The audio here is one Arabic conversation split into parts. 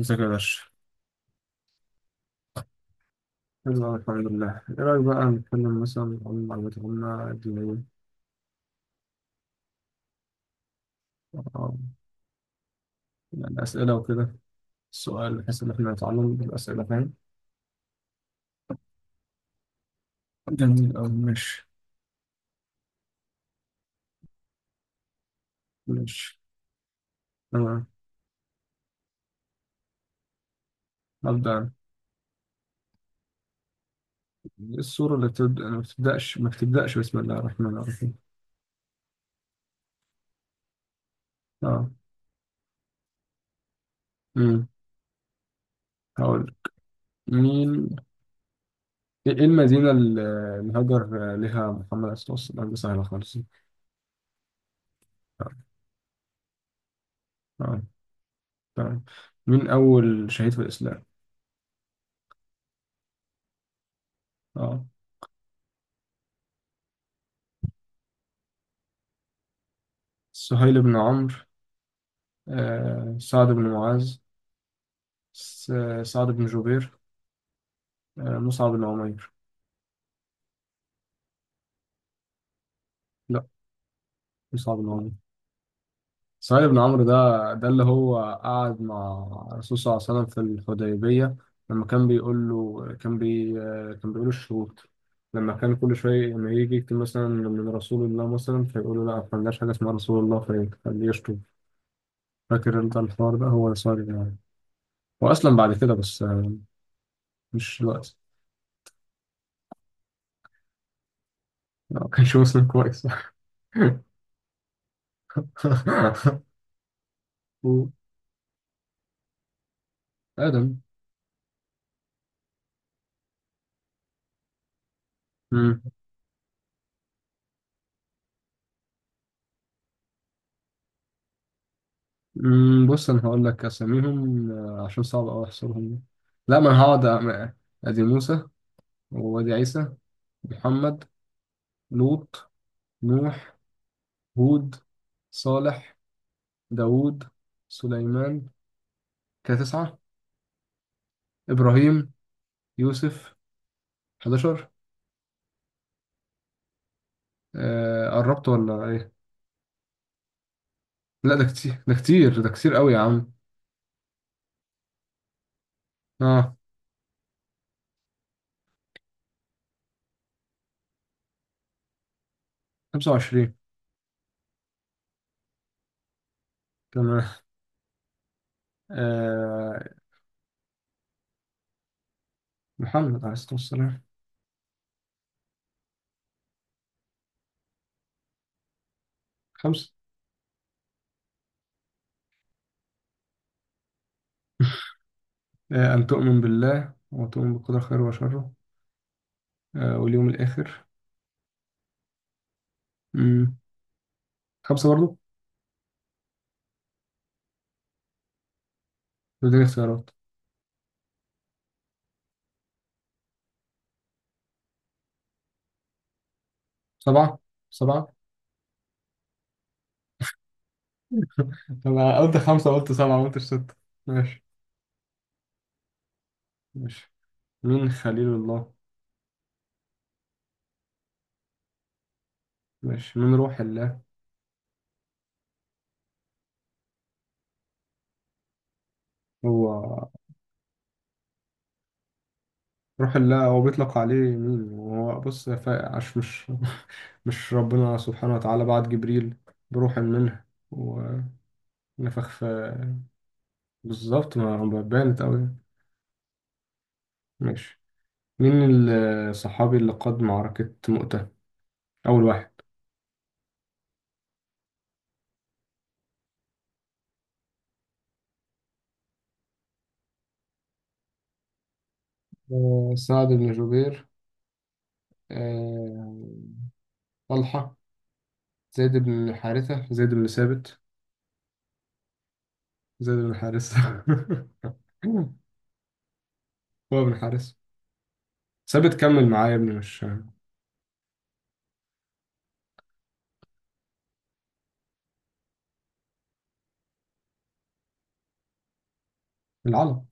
ازيك يا باشا؟ يلا، الحمد لله، إيه رأيك بقى نتكلم مثلا عن معلومات العامة الدينية؟ آه، يعني أسئلة وكده، السؤال بحيث إن إحنا نتعلم بالأسئلة فاهم؟ جميل أوي. ماشي. ماشي. تمام. أبدأ أنا. السورة اللي بتبدأ ما بتبدأش بسم الله الرحمن الرحيم. أه. أمم هقول مين. إيه المدينة اللي هاجر لها محمد عليه الصلاة والسلام. دي سهلة خالص. أه. آه. تمام. مين أول شهيد في الإسلام؟ أه. سهيل بن عمرو. سعد بن معاذ. س- سعد بن جبير. مصعب بن عمير. لا، مصعب بن عمير، سعيد بن عمرو. ده ده اللي هو قعد مع الرسول صلى الله عليه وسلم في الحديبية، لما كان بيقول له، كان بي آه، كان بيقول الشروط. لما كان كل شوية لما يجي يكتب مثلا من رسول الله، مثلا فيقول له لا ما عندناش حاجة اسمها رسول الله فيخليه يشتم. فاكر انت الحوار ده؟ هو سعيد بن عمرو. هو أسلم بعد كده بس. مش دلوقتي. لا، ما كانش مسلم كويس. و- آدم. مم. مم. بص أنا هقول لك أساميهم، عشان صعب أوي أحصرهم. لا، ما أنا هقعد أدي موسى، وأدي عيسى، محمد، لوط، نوح، هود، صالح، داوود، سليمان. كده تسعة. إبراهيم، يوسف، 11. قربت ولا إيه؟ لا، ده كتير، ده كتير، ده كتير أوي يا عم. آه، 25. تمام. آه، محمد عليه الصلاة والسلام. خمسة. آه، أن تؤمن بالله وتؤمن بالقدر خيره وشره، واليوم الآخر. مم. خمسة برضو. بدون اختيارات. سبعة، سبعة. أنا قلت خمسة، قلت سبعة، ما قلتش ستة. ماشي. ماشي. مين خليل الله؟ ماشي. مين روح الله؟ هو، روح الله هو بيطلق عليه مين. هو بص يا عش مش. مش ربنا سبحانه وتعالى بعت جبريل بروح منه ونفخ في. بالظبط. ما بانت أوي. ماشي. مين الصحابي اللي قاد معركة مؤتة؟ أول واحد. سعد بن جبير. آه، طلحة، زيد بن حارثة، زيد بن ثابت، زيد بن حارثة. هو بن حارثة، ثابت. كمل معايا يا ابني مش. العلم.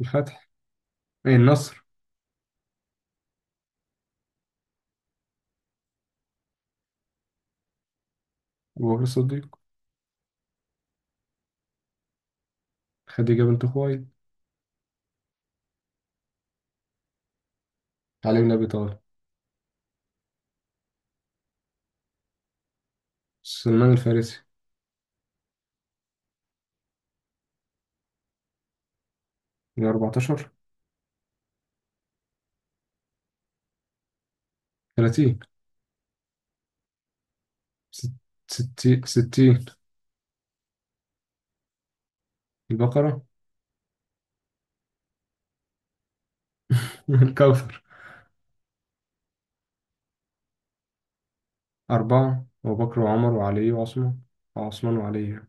الفتح. إيه، النصر. أبو بكر الصديق. خديجة بنت خويلد. علي بن أبي طالب. سلمان الفارسي. من 14. 30. ست- 60. البقرة. الكوثر. أربعة: أبو بكر وعمر وعلي وعثمان. وعثمان وعلي.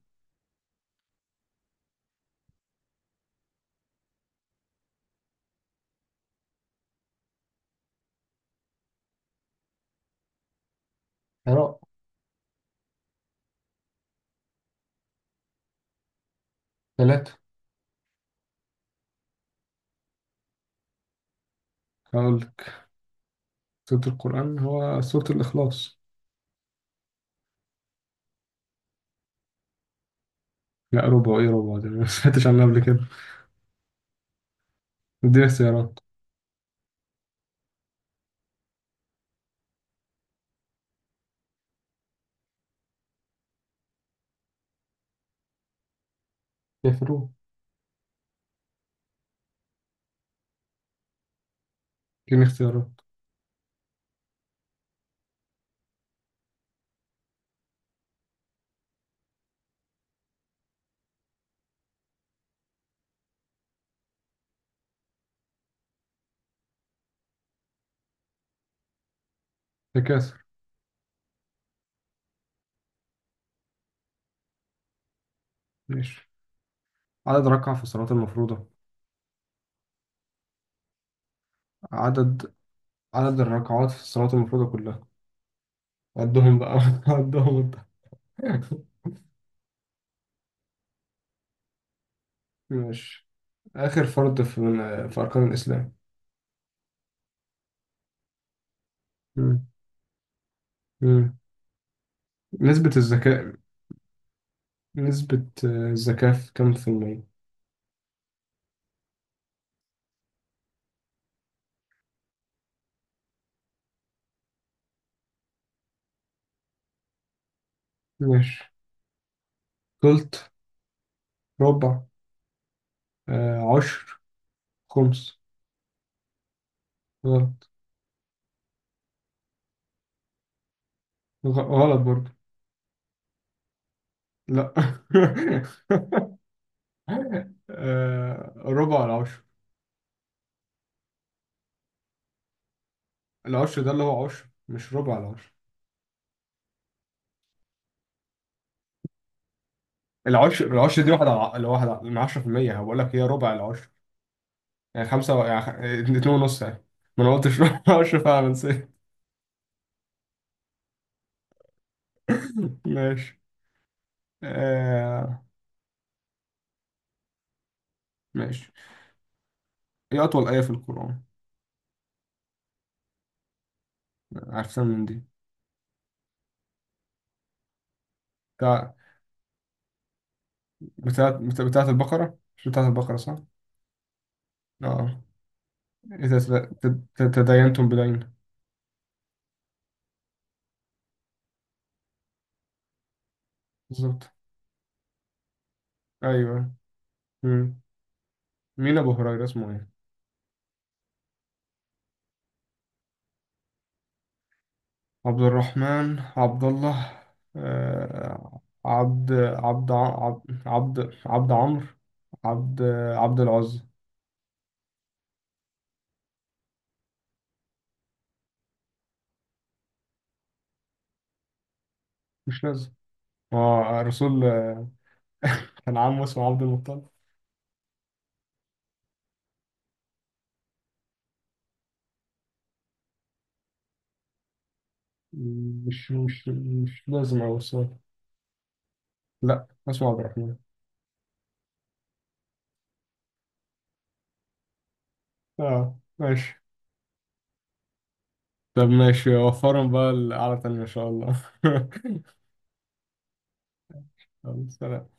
قراءة. ثلاثة. هقولك. سورة القرآن هو سورة الإخلاص. لا، ربع إيه؟ ربع ده أنا ما سمعتش عنها قبل كده. اديني اختيارات. كافرون. اديني اختيارات. تكاثر. ماشي. عدد ركعة في الصلاة المفروضة. عدد عدد الركعات في الصلاة المفروضة كلها. عدهم بقى. عدهم انت. ماشي. آخر فرض في من في أركان الإسلام. مم. مم. نسبة الزكاة. نسبة الزكاة في كم في المية؟ ماشي. تلت. ربع. آه، عشر. خمس. غلط. غلط برضه. لا. آه، ربع العشر. العشر ده اللي هو عشر، مش ربع العشر. العشر دي واحد على اللي واحد من عشرة في المية، هقول لك هي ربع العشر. يعني خمسة يعني اتنين، اتنين ونص يعني. ما انا قلتش ربع العشر، فعلا نسيت. ماشي. آه، ماشي. ايه أطول آية في القرآن؟ عارفها من دي. بتاع، بتاعت، بتاعت البقرة، مش بتاعت البقرة صح؟ اه. إذا تداينتم بدين. بالظبط. أيوه. مم. مين أبو هريرة اسمه إيه؟ عبد الرحمن، عبد الله، آه، عبد، عبد، عبد، عبد، عبد عمرو، عبد، عبد العزى. مش لازم. هو الرسول كان عمه اسمه عبد المطلب. مش لازم أو السؤال. لا، اسمه عبد الرحمن. آه، ماشي. طب ماشي، وفرهم بقى القعدة التانية إن شاء الله. يلا، سلام.